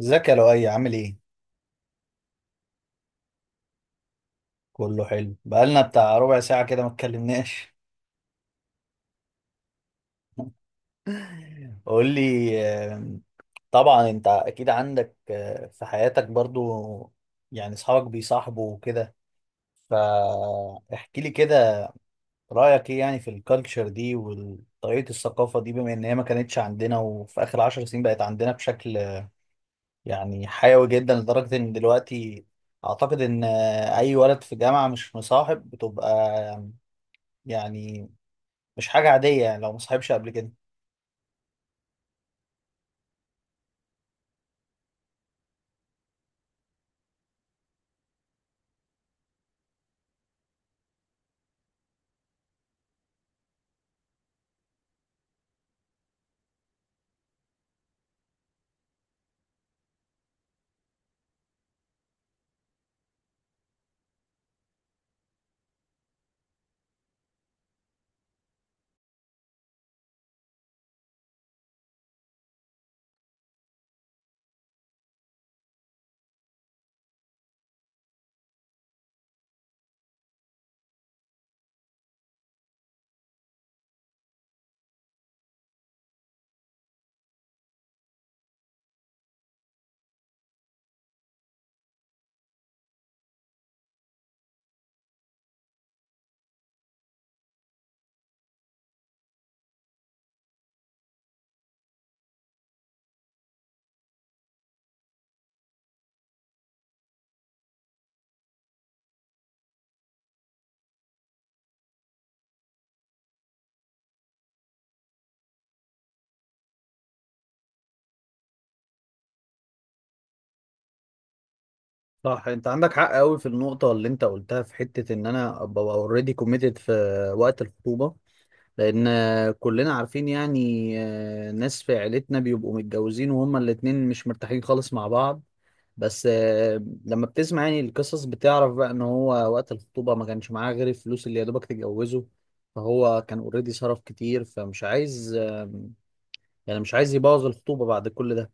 ازيك يا لؤي، عامل ايه؟ كله حلو، بقالنا بتاع ربع ساعة كده ما اتكلمناش. قول لي. آم، طبعا انت اكيد عندك، في حياتك برضو، يعني اصحابك بيصاحبوا وكده. فاحكي لي كده. رأيك ايه يعني في الكالتشر دي وطريقة الثقافة دي، بما ان هي ما كانتش عندنا، وفي اخر عشر سنين بقت عندنا بشكل يعني حيوي جدا لدرجة ان دلوقتي اعتقد ان اي ولد في جامعة مش مصاحب بتبقى يعني مش حاجة عادية، يعني لو مصاحبش قبل كده. صح، انت عندك حق قوي في النقطة اللي انت قلتها في حتة ان انا ابقى اوريدي كوميتد في وقت الخطوبة. لان كلنا عارفين يعني، ناس في عيلتنا بيبقوا متجوزين وهما الاتنين مش مرتاحين خالص مع بعض. بس، لما بتسمع يعني القصص، بتعرف بقى ان هو وقت الخطوبة ما كانش معاه غير الفلوس اللي يا دوبك تجوزه. فهو كان اوريدي صرف كتير، فمش عايز آه، يعني مش عايز يبوظ الخطوبة بعد كل ده.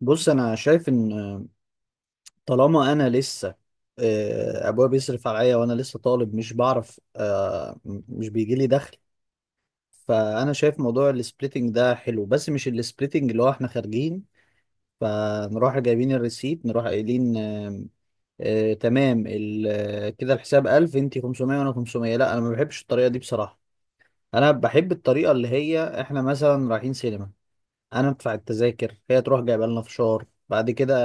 بص، انا شايف ان طالما انا لسه، ابويا بيصرف عليا وانا لسه طالب، مش بعرف، مش بيجي لي دخل، فانا شايف موضوع السبليتنج ده حلو، بس مش السبليتنج اللي هو احنا خارجين فنروح جايبين الريسيت، نروح قايلين كده الحساب 1000، انت 500 وانا 500. لا، انا ما بحبش الطريقه دي بصراحه. انا بحب الطريقه اللي هي احنا مثلا رايحين سينما، انا ادفع التذاكر، هي تروح جايبه لنا فشار بعد كده،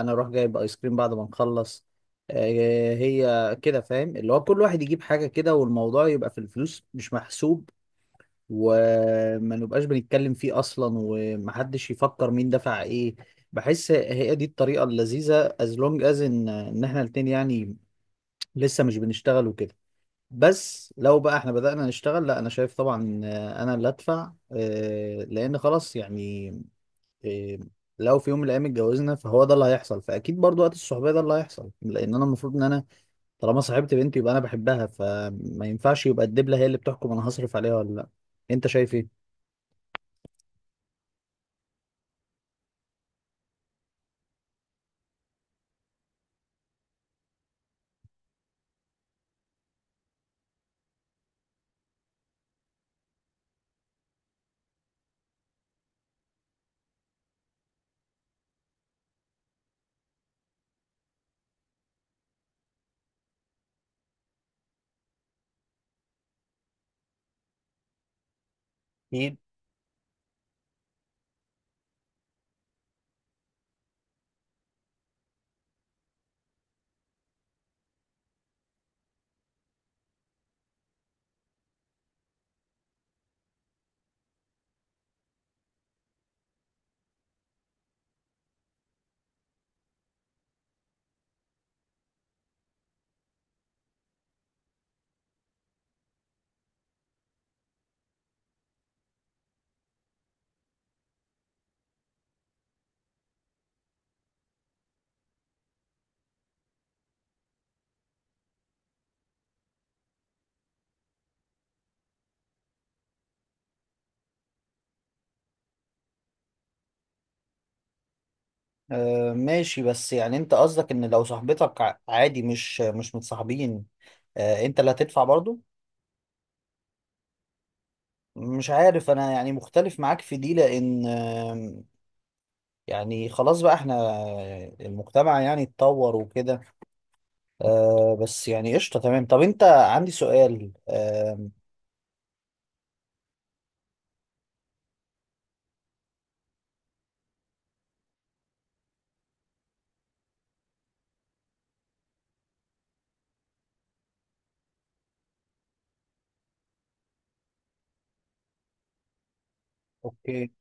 انا اروح جايب ايس كريم بعد ما نخلص. هي كده، فاهم؟ اللي هو كل واحد يجيب حاجه كده، والموضوع يبقى في الفلوس مش محسوب، وما نبقاش بنتكلم فيه اصلا، ومحدش يفكر مين دفع ايه. بحس هي دي الطريقه اللذيذه as long as ان احنا الاتنين، يعني لسه مش بنشتغل وكده. بس لو بقى احنا بدأنا نشتغل، لا، انا شايف طبعا، انا اللي ادفع، لان خلاص يعني، إيه، لو في يوم من الايام اتجوزنا فهو ده اللي هيحصل، فاكيد برضو وقت الصحوبيه ده اللي هيحصل، لان انا المفروض ان انا طالما صاحبت بنتي يبقى انا بحبها، فما ينفعش يبقى الدبله هي اللي بتحكم انا هصرف عليها ولا لا. انت شايف ايه؟ اكيد. آه ماشي. بس يعني انت قصدك ان لو صاحبتك، عادي، مش متصاحبين، آه انت اللي هتدفع برضو؟ مش عارف، انا يعني مختلف معاك في دي، لان آه يعني، خلاص بقى احنا المجتمع يعني اتطور وكده. آه بس يعني قشطة، تمام. طب انت، عندي سؤال آه. اوكي.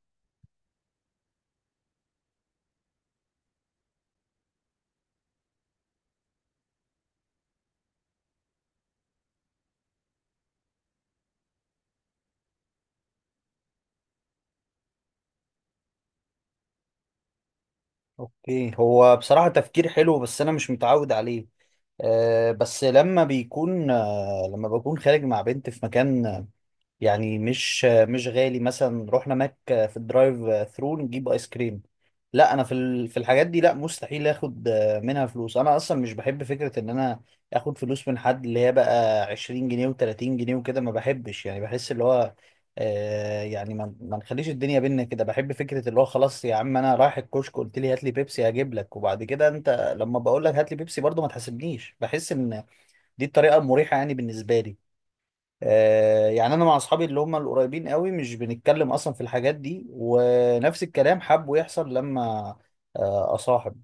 اوكي، هو بصراحة تفكير حلو بس انا مش متعود عليه. بس لما بيكون آه لما بكون خارج مع بنت في مكان يعني مش غالي، مثلا نروح هناك في الدرايف ثرو نجيب ايس كريم، لا، انا في في الحاجات دي لا مستحيل اخد منها فلوس. انا اصلا مش بحب فكرة ان انا اخد فلوس من حد، اللي هي بقى 20 جنيه و30 جنيه وكده، ما بحبش. يعني بحس اللي هو آه يعني، ما نخليش الدنيا بينا كده. بحب فكرة اللي هو خلاص، يا عم انا رايح الكشك، قلت لي هات لي بيبسي، هجيب لك. وبعد كده انت لما بقول لك هات لي بيبسي برضه ما تحاسبنيش. بحس ان دي الطريقة المريحة يعني بالنسبة لي. يعني انا مع اصحابي اللي هم القريبين قوي مش بنتكلم اصلا في الحاجات دي، ونفس الكلام حابه يحصل لما اصاحب.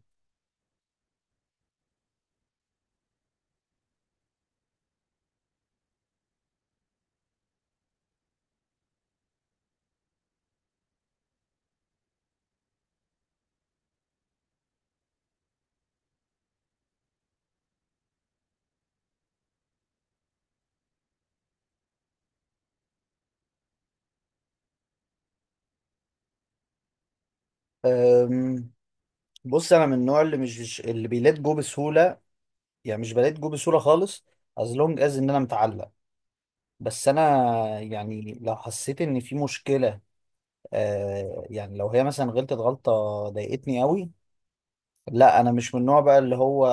أم، بص، انا من النوع اللي اللي بيلات جو بسهوله، يعني مش بلات جو بسهوله خالص as long as ان انا متعلق. بس انا، يعني لو حسيت ان في مشكله، يعني لو هي مثلا غلطت غلطه ضايقتني قوي، لا انا مش من النوع بقى اللي هو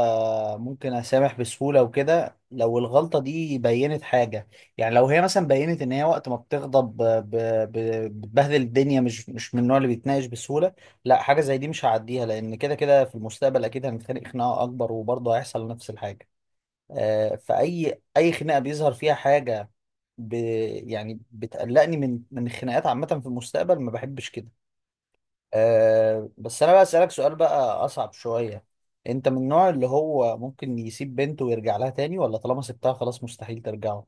ممكن اسامح بسهوله وكده. لو الغلطه دي بينت حاجه، يعني لو هي مثلا بينت ان هي وقت ما بتغضب بتبهدل الدنيا، مش من النوع اللي بيتناقش بسهوله، لا حاجه زي دي مش هعديها، لان كده كده في المستقبل اكيد هنتخانق خناقه اكبر وبرضه هيحصل نفس الحاجه. فاي خناقه بيظهر فيها حاجه، ب يعني بتقلقني من الخناقات عامه في المستقبل، ما بحبش كده. أه بس انا بقى اسالك سؤال بقى اصعب شويه. انت من النوع اللي هو ممكن يسيب بنته ويرجع لها تاني، ولا طالما سبتها خلاص مستحيل ترجعه؟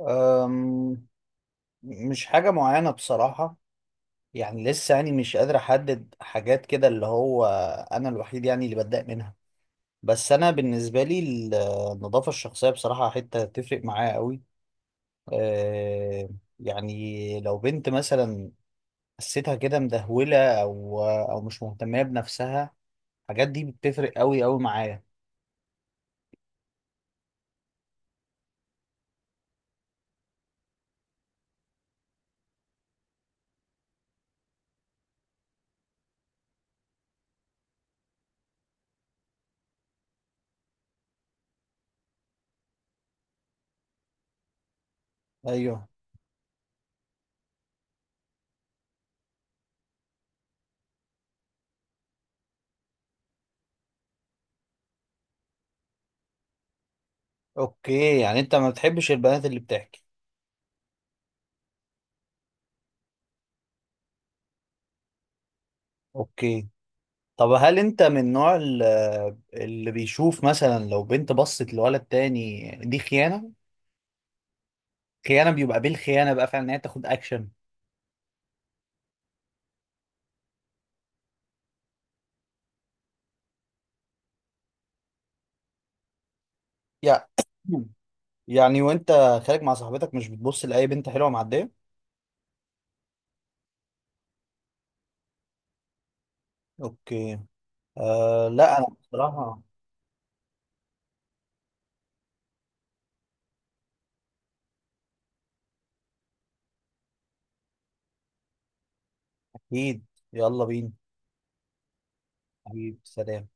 أم مش حاجه معينه بصراحه، يعني لسه يعني مش قادر احدد حاجات كده اللي هو انا الوحيد يعني اللي بتضايق منها. بس انا بالنسبه لي النظافه الشخصيه بصراحه حته تفرق معايا قوي. أه يعني لو بنت مثلا حسيتها كده مدهوله، او مش مهتمه بنفسها، الحاجات دي بتفرق قوي قوي معايا. ايوه. اوكي، يعني انت ما بتحبش البنات اللي بتحكي. اوكي، طب هل انت من النوع اللي بيشوف مثلا لو بنت بصت لولد تاني يعني دي خيانة؟ خيانة، بيبقى بالخيانة بقى فعلا ان هي تاخد اكشن. يع- يعني وانت خارج مع صاحبتك مش بتبص لأي بنت حلوة معدية؟ اوكي. آه لا، انا بصراحة. اكيد. يلا بينا. حبيبي، سلام.